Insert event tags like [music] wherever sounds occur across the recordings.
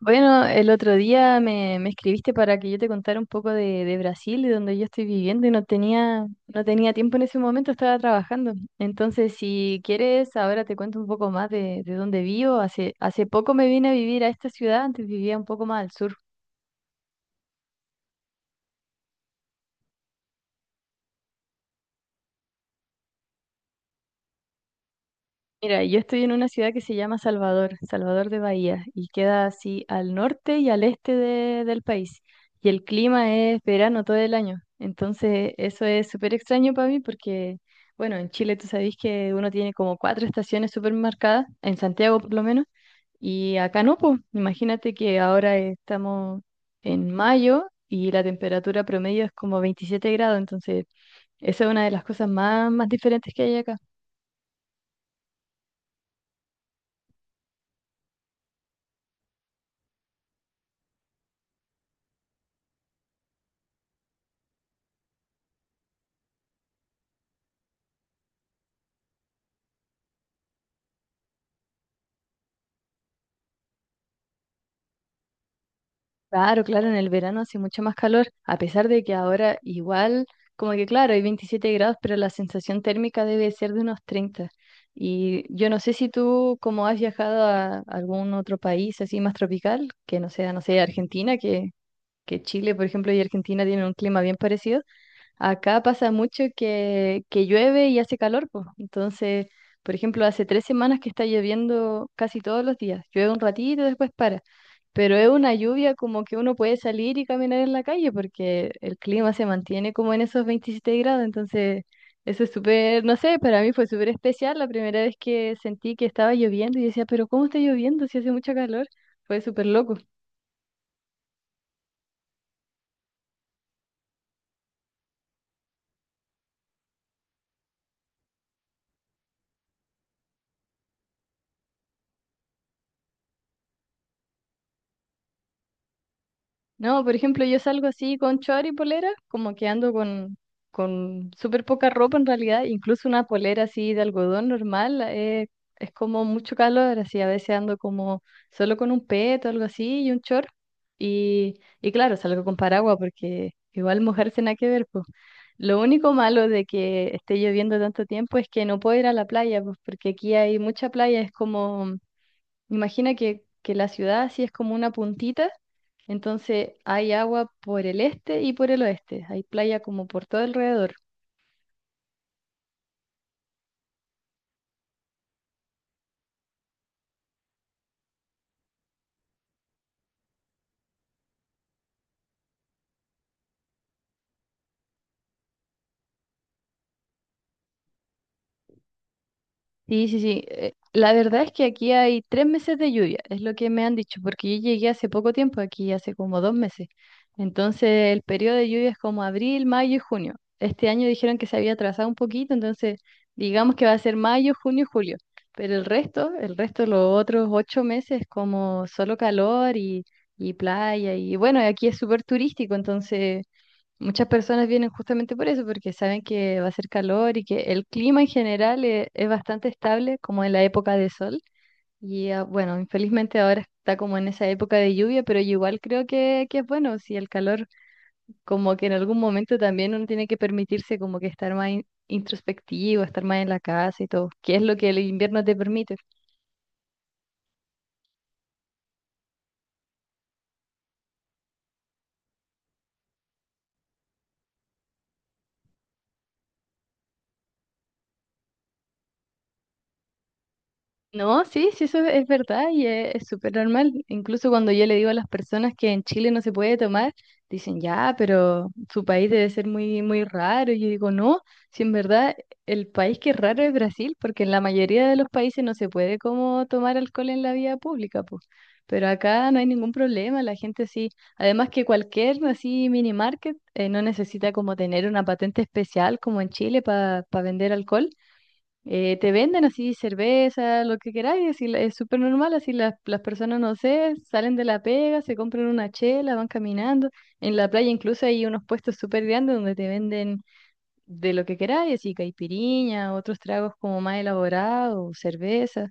Bueno, el otro día me escribiste para que yo te contara un poco de Brasil y donde yo estoy viviendo y no tenía tiempo en ese momento, estaba trabajando. Entonces, si quieres, ahora te cuento un poco más de dónde vivo. Hace poco me vine a vivir a esta ciudad, antes vivía un poco más al sur. Mira, yo estoy en una ciudad que se llama Salvador, Salvador de Bahía, y queda así al norte y al este del país. Y el clima es verano todo el año. Entonces, eso es súper extraño para mí porque bueno, en Chile tú sabes que uno tiene como cuatro estaciones súper marcadas, en Santiago por lo menos, y acá no, pues. Imagínate que ahora estamos en mayo y la temperatura promedio es como 27 grados, entonces esa es una de las cosas más diferentes que hay acá. Claro, claro, en el verano hace mucho más calor, a pesar de que ahora igual, como que claro, hay 27 grados, pero la sensación térmica debe ser de unos 30. Y yo no sé si tú, como has viajado a algún otro país así más tropical, que no sea, no sé, Argentina, que Chile, por ejemplo, y Argentina tienen un clima bien parecido. Acá pasa mucho que llueve y hace calor, pues. Entonces, por ejemplo, hace 3 semanas que está lloviendo casi todos los días. Llueve un ratito y después para. Pero es una lluvia como que uno puede salir y caminar en la calle porque el clima se mantiene como en esos 27 grados. Entonces, eso es súper, no sé, para mí fue súper especial la primera vez que sentí que estaba lloviendo y decía, pero ¿cómo está lloviendo si hace mucho calor? Fue súper loco. No, por ejemplo, yo salgo así con short y polera, como que ando con súper poca ropa en realidad, incluso una polera así de algodón normal, es como mucho calor, así a veces ando como solo con un peto, algo así, y un short, y, y claro, salgo con paraguas porque igual mojarse nada que ver, pues. Lo único malo de que esté lloviendo tanto tiempo es que no puedo ir a la playa, pues porque aquí hay mucha playa, es como, imagina que la ciudad así es como una puntita, entonces hay agua por el este y por el oeste. Hay playa como por todo alrededor. Sí, sí, sí. La verdad es que aquí hay tres meses de lluvia, es lo que me han dicho, porque yo llegué hace poco tiempo aquí, hace como 2 meses. Entonces el periodo de lluvia es como abril, mayo y junio. Este año dijeron que se había atrasado un poquito, entonces digamos que va a ser mayo, junio y julio. Pero el resto, los otros 8 meses, como solo calor y playa. Y bueno, aquí es súper turístico, entonces muchas personas vienen justamente por eso, porque saben que va a ser calor y que el clima en general es bastante estable, como en la época de sol. Y ah, bueno, infelizmente ahora está como en esa época de lluvia, pero yo igual creo que es bueno, si el calor, como que en algún momento también uno tiene que permitirse como que estar más introspectivo, estar más en la casa y todo, que es lo que el invierno te permite. No, sí, sí, eso es verdad y es súper normal. Incluso cuando yo le digo a las personas que en Chile no se puede tomar, dicen, ya, pero su país debe ser muy, muy raro. Y yo digo, no, si en verdad el país que es raro es Brasil, porque en la mayoría de los países no se puede como tomar alcohol en la vía pública, pues. Pero acá no hay ningún problema, la gente sí. Además que cualquier así mini market no necesita como tener una patente especial como en Chile para vender alcohol, te venden así cerveza, lo que queráis, así es súper normal, así las personas, no sé, salen de la pega, se compran una chela, van caminando. En la playa incluso hay unos puestos súper grandes donde te venden de lo que queráis, así caipiriña, otros tragos como más elaborados, cerveza.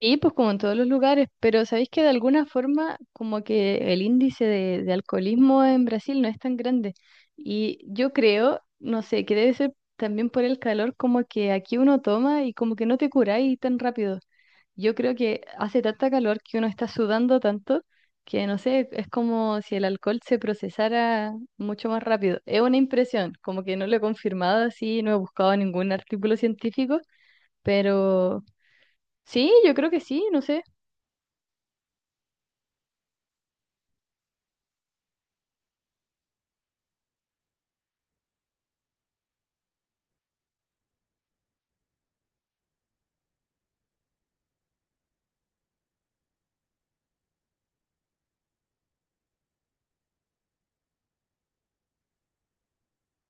Sí, pues como en todos los lugares, pero sabéis que de alguna forma como que el índice de alcoholismo en Brasil no es tan grande. Y yo creo, no sé, que debe ser también por el calor, como que aquí uno toma y como que no te curáis tan rápido. Yo creo que hace tanta calor que uno está sudando tanto que no sé, es como si el alcohol se procesara mucho más rápido. Es una impresión, como que no lo he confirmado así, no he buscado ningún artículo científico, pero... Sí, yo creo que sí, no sé.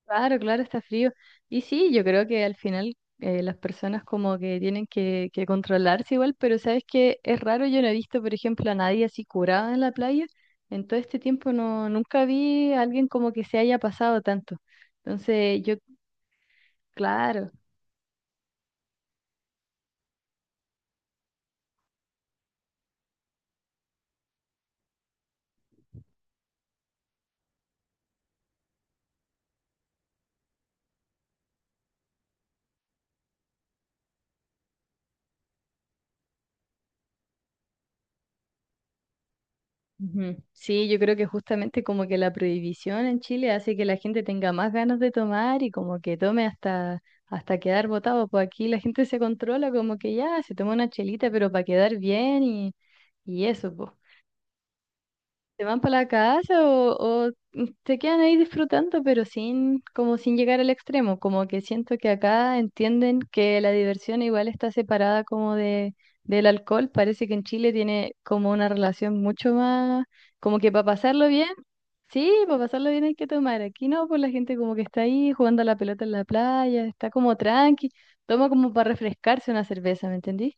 Claro, claro, está frío. Y sí, yo creo que al final las personas como que tienen que controlarse igual, pero sabes que es raro, yo no he visto, por ejemplo, a nadie así curada en la playa. En todo este tiempo no, nunca vi a alguien como que se haya pasado tanto. Entonces, yo, claro. Ujú. Sí, yo creo que justamente como que la prohibición en Chile hace que la gente tenga más ganas de tomar y como que tome hasta quedar botado. Pues aquí la gente se controla como que ya se toma una chelita, pero para quedar bien y eso, pues se van para la casa o se quedan ahí disfrutando, pero sin, como sin llegar al extremo, como que siento que acá entienden que la diversión igual está separada como de, del alcohol, parece que en Chile tiene como una relación mucho más, como que para pasarlo bien, sí, para pasarlo bien hay que tomar, aquí no, pues la gente como que está ahí jugando a la pelota en la playa, está como tranqui, toma como para refrescarse una cerveza, ¿me entendí?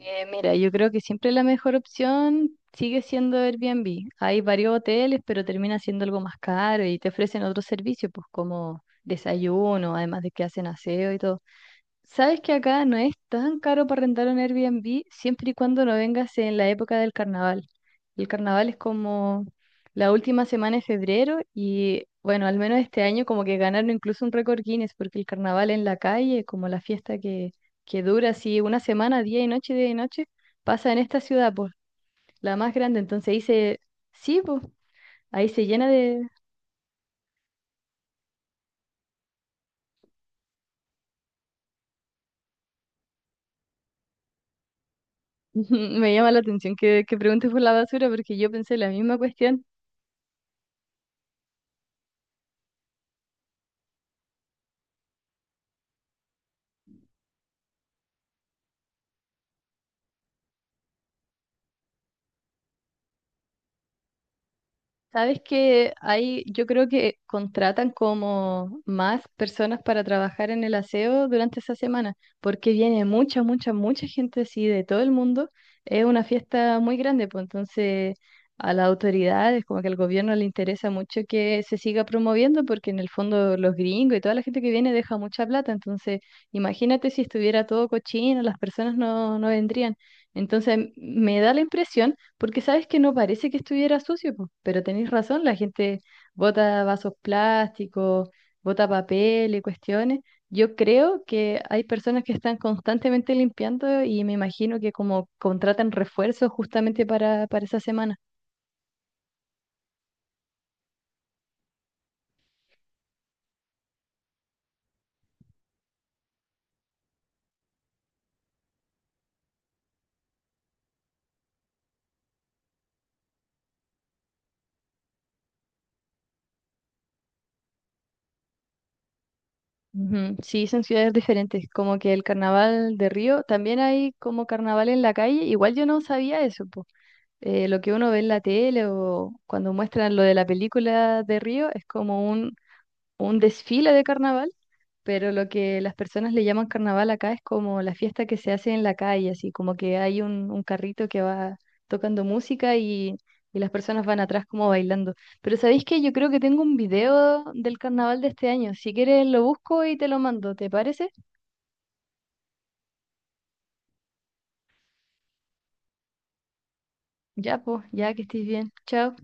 Mira, yo creo que siempre la mejor opción sigue siendo Airbnb. Hay varios hoteles, pero termina siendo algo más caro y te ofrecen otros servicios, pues como desayuno, además de que hacen aseo y todo. Sabes que acá no es tan caro para rentar un Airbnb siempre y cuando no vengas en la época del carnaval. El carnaval es como la última semana de febrero y bueno, al menos este año como que ganaron incluso un récord Guinness porque el carnaval en la calle, como la fiesta que dura así una semana, día y noche, pasa en esta ciudad, pues, la más grande. Entonces dice, sí, pues, ahí se llena de... [laughs] Me llama la atención que preguntes por la basura porque yo pensé la misma cuestión. Sabes que hay, yo creo que contratan como más personas para trabajar en el aseo durante esa semana, porque viene mucha, mucha, mucha gente así de todo el mundo. Es una fiesta muy grande, pues entonces a las autoridades, como que al gobierno le interesa mucho que se siga promoviendo, porque en el fondo los gringos y toda la gente que viene deja mucha plata. Entonces, imagínate si estuviera todo cochino, las personas no, no vendrían. Entonces, me da la impresión porque sabes que no parece que estuviera sucio, po, pero tenéis razón, la gente bota vasos plásticos, bota papel y cuestiones. Yo creo que hay personas que están constantemente limpiando y me imagino que como contratan refuerzos justamente para esa semana. Ujú. Sí, son ciudades diferentes, como que el carnaval de Río, también hay como carnaval en la calle, igual yo no sabía eso, po. Lo que uno ve en la tele o cuando muestran lo de la película de Río es como un desfile de carnaval, pero lo que las personas le llaman carnaval acá es como la fiesta que se hace en la calle, así como que hay un carrito que va tocando música y las personas van atrás como bailando. Pero ¿sabéis que yo creo que tengo un video del carnaval de este año? Si quieres lo busco y te lo mando, ¿te parece? Ya, pues, ya que estés bien. Chao.